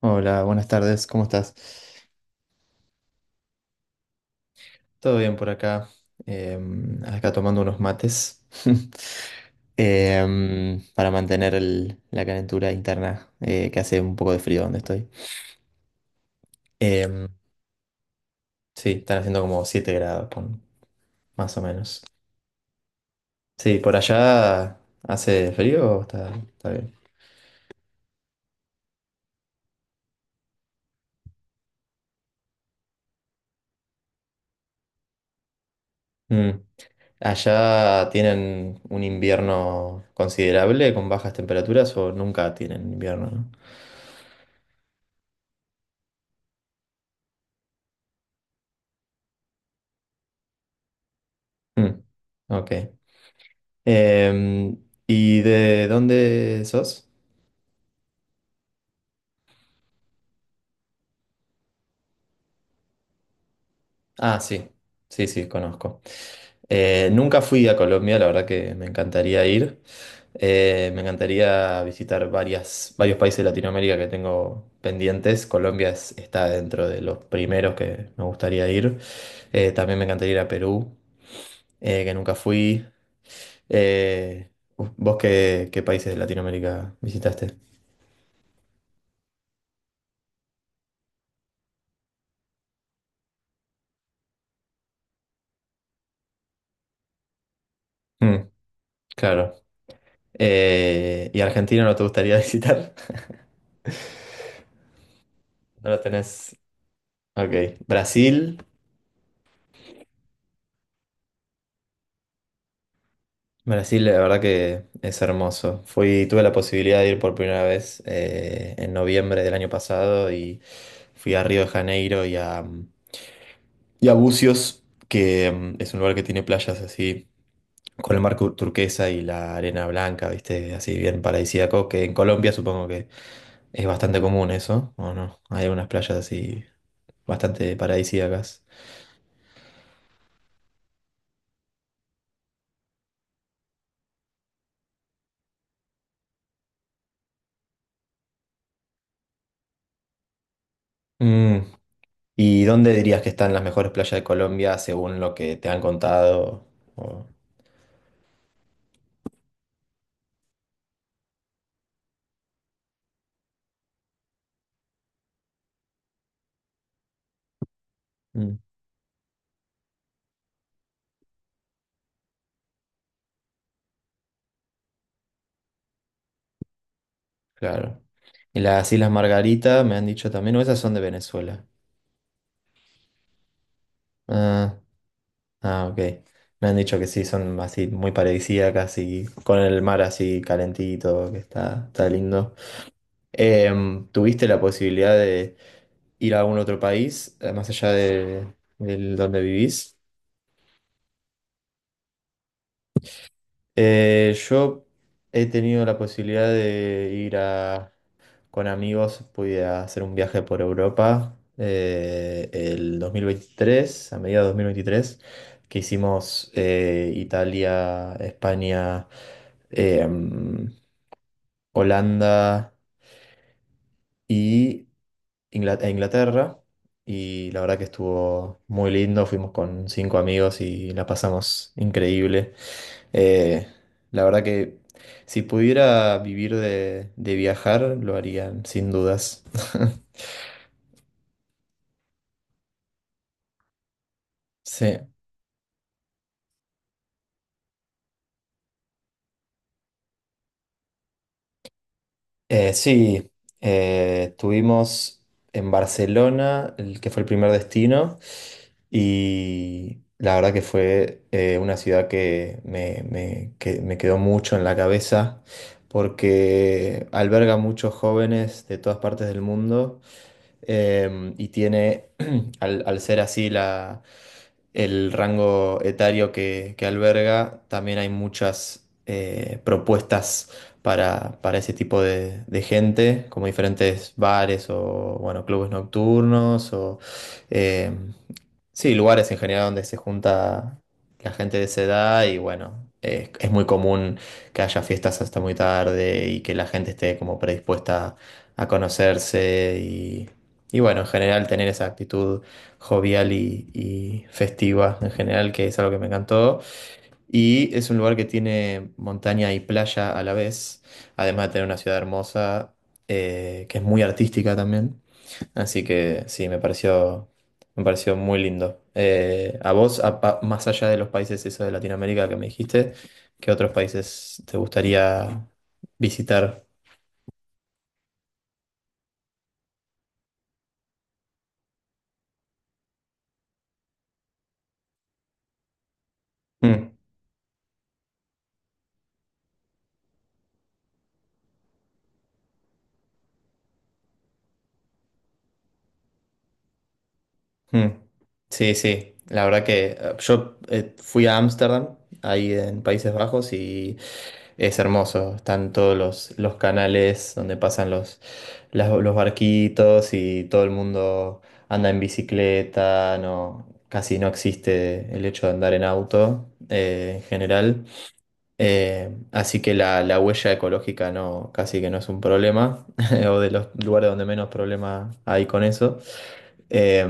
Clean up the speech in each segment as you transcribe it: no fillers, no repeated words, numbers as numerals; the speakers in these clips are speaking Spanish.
Hola, buenas tardes, ¿cómo estás? Todo bien por acá, acá tomando unos mates para mantener la calentura interna que hace un poco de frío donde estoy. Em, sí, están haciendo como 7 grados, más o menos. Sí, por allá hace frío o está bien. Mm. ¿Allá tienen un invierno considerable con bajas temperaturas o nunca tienen invierno, ¿no? Mm, ok. Em, ¿Y de dónde sos? Ah, sí, sí, sí, conozco. Nunca fui a Colombia, la verdad que me encantaría ir. Me encantaría visitar varios países de Latinoamérica que tengo pendientes. Está dentro de los primeros que me gustaría ir. También me encantaría ir a Perú, que nunca fui. Eh, ¿Vos qué países de Latinoamérica visitaste? Mm, claro. ¿Y Argentina no te gustaría visitar? ¿No lo tenés? Ok. Brasil. Brasil, la verdad que es hermoso. Fui, tuve la posibilidad de ir por primera vez en noviembre del año pasado y fui a Río de Janeiro y a Búzios, que mm, es un lugar que tiene playas así, con el mar turquesa y la arena blanca, ¿viste? Así bien paradisíaco, que en Colombia supongo que es bastante común eso, ¿o no? Hay unas playas así bastante paradisíacas. Mm. ¿Y dónde dirías que están las mejores playas de Colombia según lo que te han contado? O- Mm, claro. ¿Y las Islas Margarita me han dicho también, o esas son de Venezuela? Ah, ah, ok. Me han dicho que sí, son así muy paradisíacas y con el mar así calentito, que está lindo. ¿Tuviste la posibilidad de ir a algún otro país, más allá del donde vivís? Yo he tenido la posibilidad de ir a... con amigos pude hacer un viaje por Europa el 2023, a mediados de 2023, que hicimos Italia, España, eh, mm, Holanda y e Inglaterra. Y la verdad que estuvo muy lindo, fuimos con 5 amigos y la pasamos increíble. Eh, la verdad que si pudiera vivir de viajar, lo harían sin dudas. Sí. Eh, sí, Estuvimos en Barcelona, el que fue el primer destino, y la verdad que fue una ciudad que que me quedó mucho en la cabeza porque alberga muchos jóvenes de todas partes del mundo. Y tiene, al ser así el rango etario que alberga, también hay muchas propuestas para ese tipo de gente, como diferentes bares o bueno, clubes nocturnos o em, sí, lugares en general donde se junta la gente de esa edad y bueno. Es muy común que haya fiestas hasta muy tarde y que la gente esté como predispuesta a conocerse y bueno, en general tener esa actitud jovial y festiva, en general, que es algo que me encantó. Y es un lugar que tiene montaña y playa a la vez, además de tener una ciudad hermosa, que es muy artística también. Así que sí, me pareció muy lindo. A vos, más allá de los países esos de Latinoamérica que me dijiste, ¿qué otros países te gustaría visitar? Mm. Mm. Sí, sí, la verdad que yo fui a Ámsterdam, ahí en Países Bajos, y es hermoso. Están todos los canales donde pasan los barquitos y todo el mundo anda en bicicleta, no, casi no existe el hecho de andar en auto en general. Así que la huella ecológica no, casi que no es un problema, o de los lugares donde menos problema hay con eso. Eh,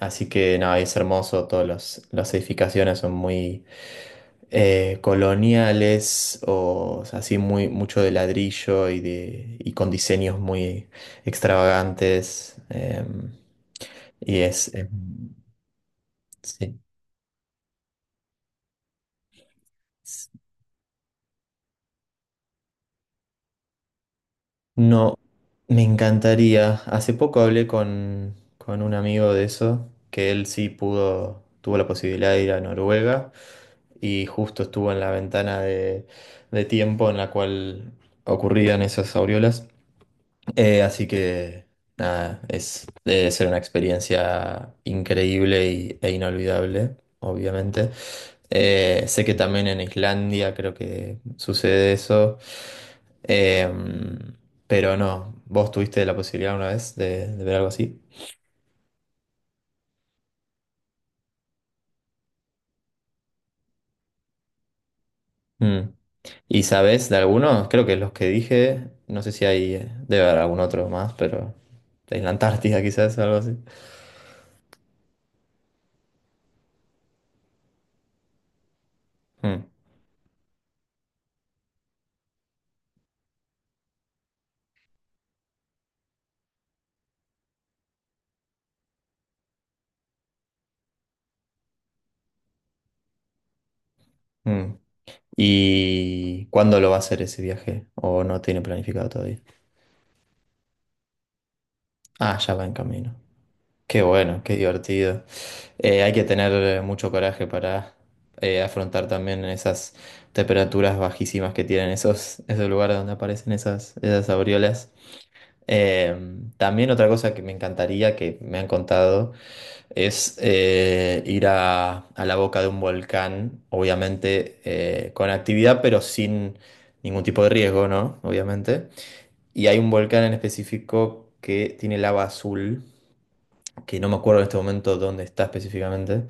Así que nada, es hermoso, todas las edificaciones son muy coloniales o sea, así muy, mucho de ladrillo y con diseños muy extravagantes. Y es, eh, sí. No, me encantaría. Hace poco hablé con un amigo de eso, que él sí pudo, tuvo la posibilidad de ir a Noruega. Y justo estuvo en la ventana de tiempo en la cual ocurrían esas aureolas. Así que nada, es, debe ser una experiencia increíble e inolvidable, obviamente. Sé que también en Islandia creo que sucede eso. Eh, pero no, ¿vos tuviste la posibilidad una vez de ver algo así? Mm. ¿Y sabes de algunos? Creo que los que dije, no sé si hay, debe haber algún otro más, pero en la Antártida quizás, algo así. Mm, mm. ¿Y cuándo lo va a hacer ese viaje? ¿O no tiene planificado todavía? Ah, ya va en camino. Qué bueno, qué divertido. Hay que tener mucho coraje para afrontar también esas temperaturas bajísimas que tienen esos lugares donde aparecen esas aureolas. Eh, También otra cosa que me encantaría, que me han contado, es ir a la boca de un volcán, obviamente con actividad, pero sin ningún tipo de riesgo, ¿no? Obviamente. Y hay un volcán en específico que tiene lava azul, que no me acuerdo en este momento dónde está específicamente,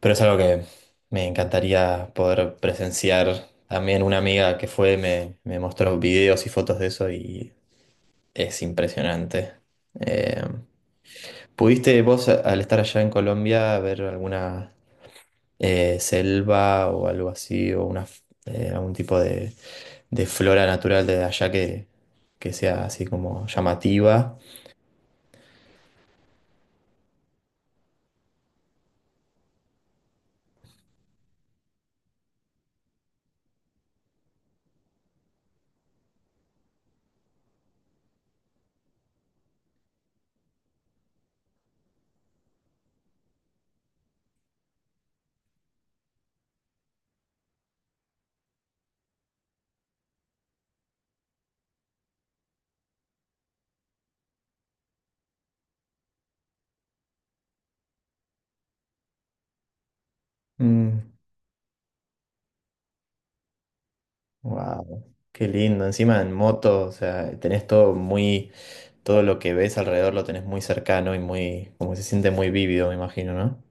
pero es algo que me encantaría poder presenciar. También una amiga que fue me mostró videos y fotos de eso y es impresionante. Eh, ¿Pudiste vos, al estar allá en Colombia, ver alguna selva o algo así, o algún tipo de flora natural de allá que sea así como llamativa? Wow, qué lindo. Encima en moto, o sea, tenés todo muy, todo lo que ves alrededor lo tenés muy cercano y muy, como se siente muy vívido, me imagino, ¿no?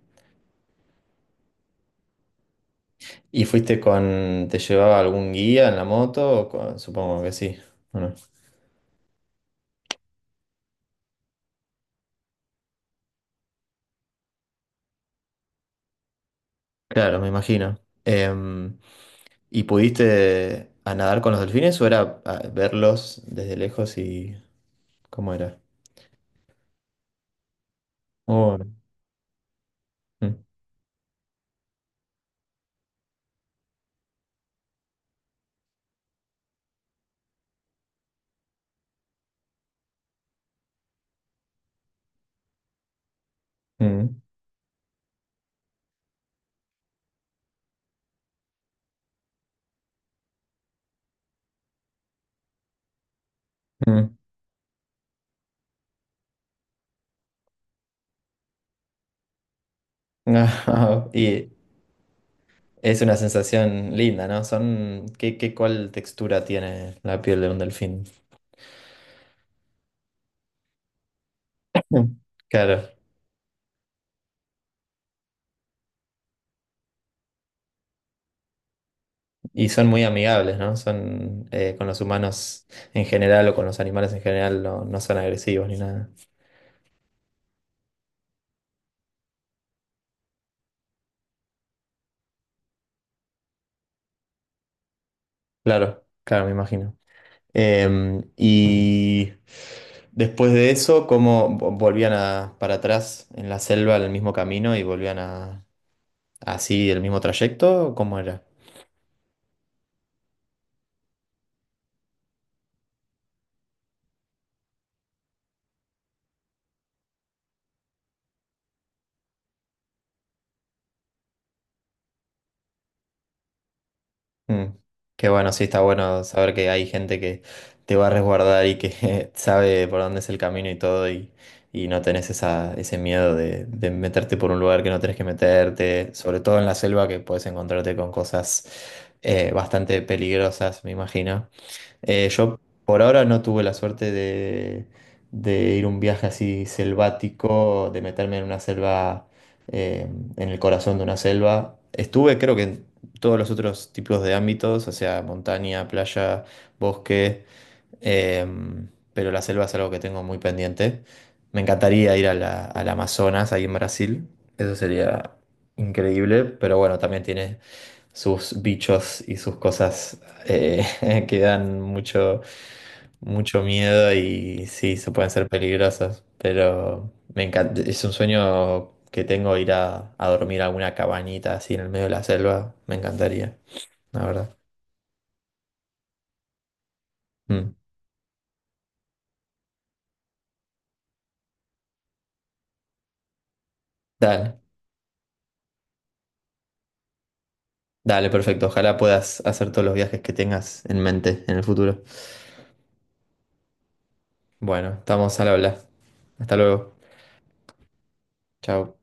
¿Y fuiste con, te llevaba algún guía en la moto? O con- supongo que sí. Bueno, claro, me imagino. Em, ¿Y pudiste a nadar con los delfines o era ah, verlos desde lejos y cómo era? Oh, mm, mm, mm. Y es una sensación linda, ¿no? Son, ¿qué, qué, cuál textura tiene la piel de un delfín? Mm. Claro, y son muy amigables, ¿no? Son con los humanos en general o con los animales en general, no, no son agresivos ni nada. Claro, claro, me imagino. Y después de eso, como volvían a, para atrás en la selva, en el mismo camino y volvían a así el mismo trayecto, ¿cómo era? Mm, qué bueno, sí, está bueno saber que hay gente que te va a resguardar y que sabe por dónde es el camino y todo y no tenés ese miedo de meterte por un lugar que no tenés que meterte, sobre todo en la selva que puedes encontrarte con cosas bastante peligrosas, me imagino. Yo por ahora no tuve la suerte de ir a un viaje así selvático, de meterme en una selva, eh, en el corazón de una selva. Estuve creo que en todos los otros tipos de ámbitos, o sea, montaña, playa, bosque, pero la selva es algo que tengo muy pendiente. Me encantaría ir al Amazonas, ahí en Brasil, eso sería increíble, pero bueno, también tiene sus bichos y sus cosas que dan mucho miedo y sí, se pueden ser peligrosos, pero me encanta, es un sueño que tengo ir a dormir a alguna cabañita así en el medio de la selva, me encantaría, la verdad. Mm. Dale, dale, perfecto, ojalá puedas hacer todos los viajes que tengas en mente en el futuro. Bueno, estamos al habla, hasta luego, chao.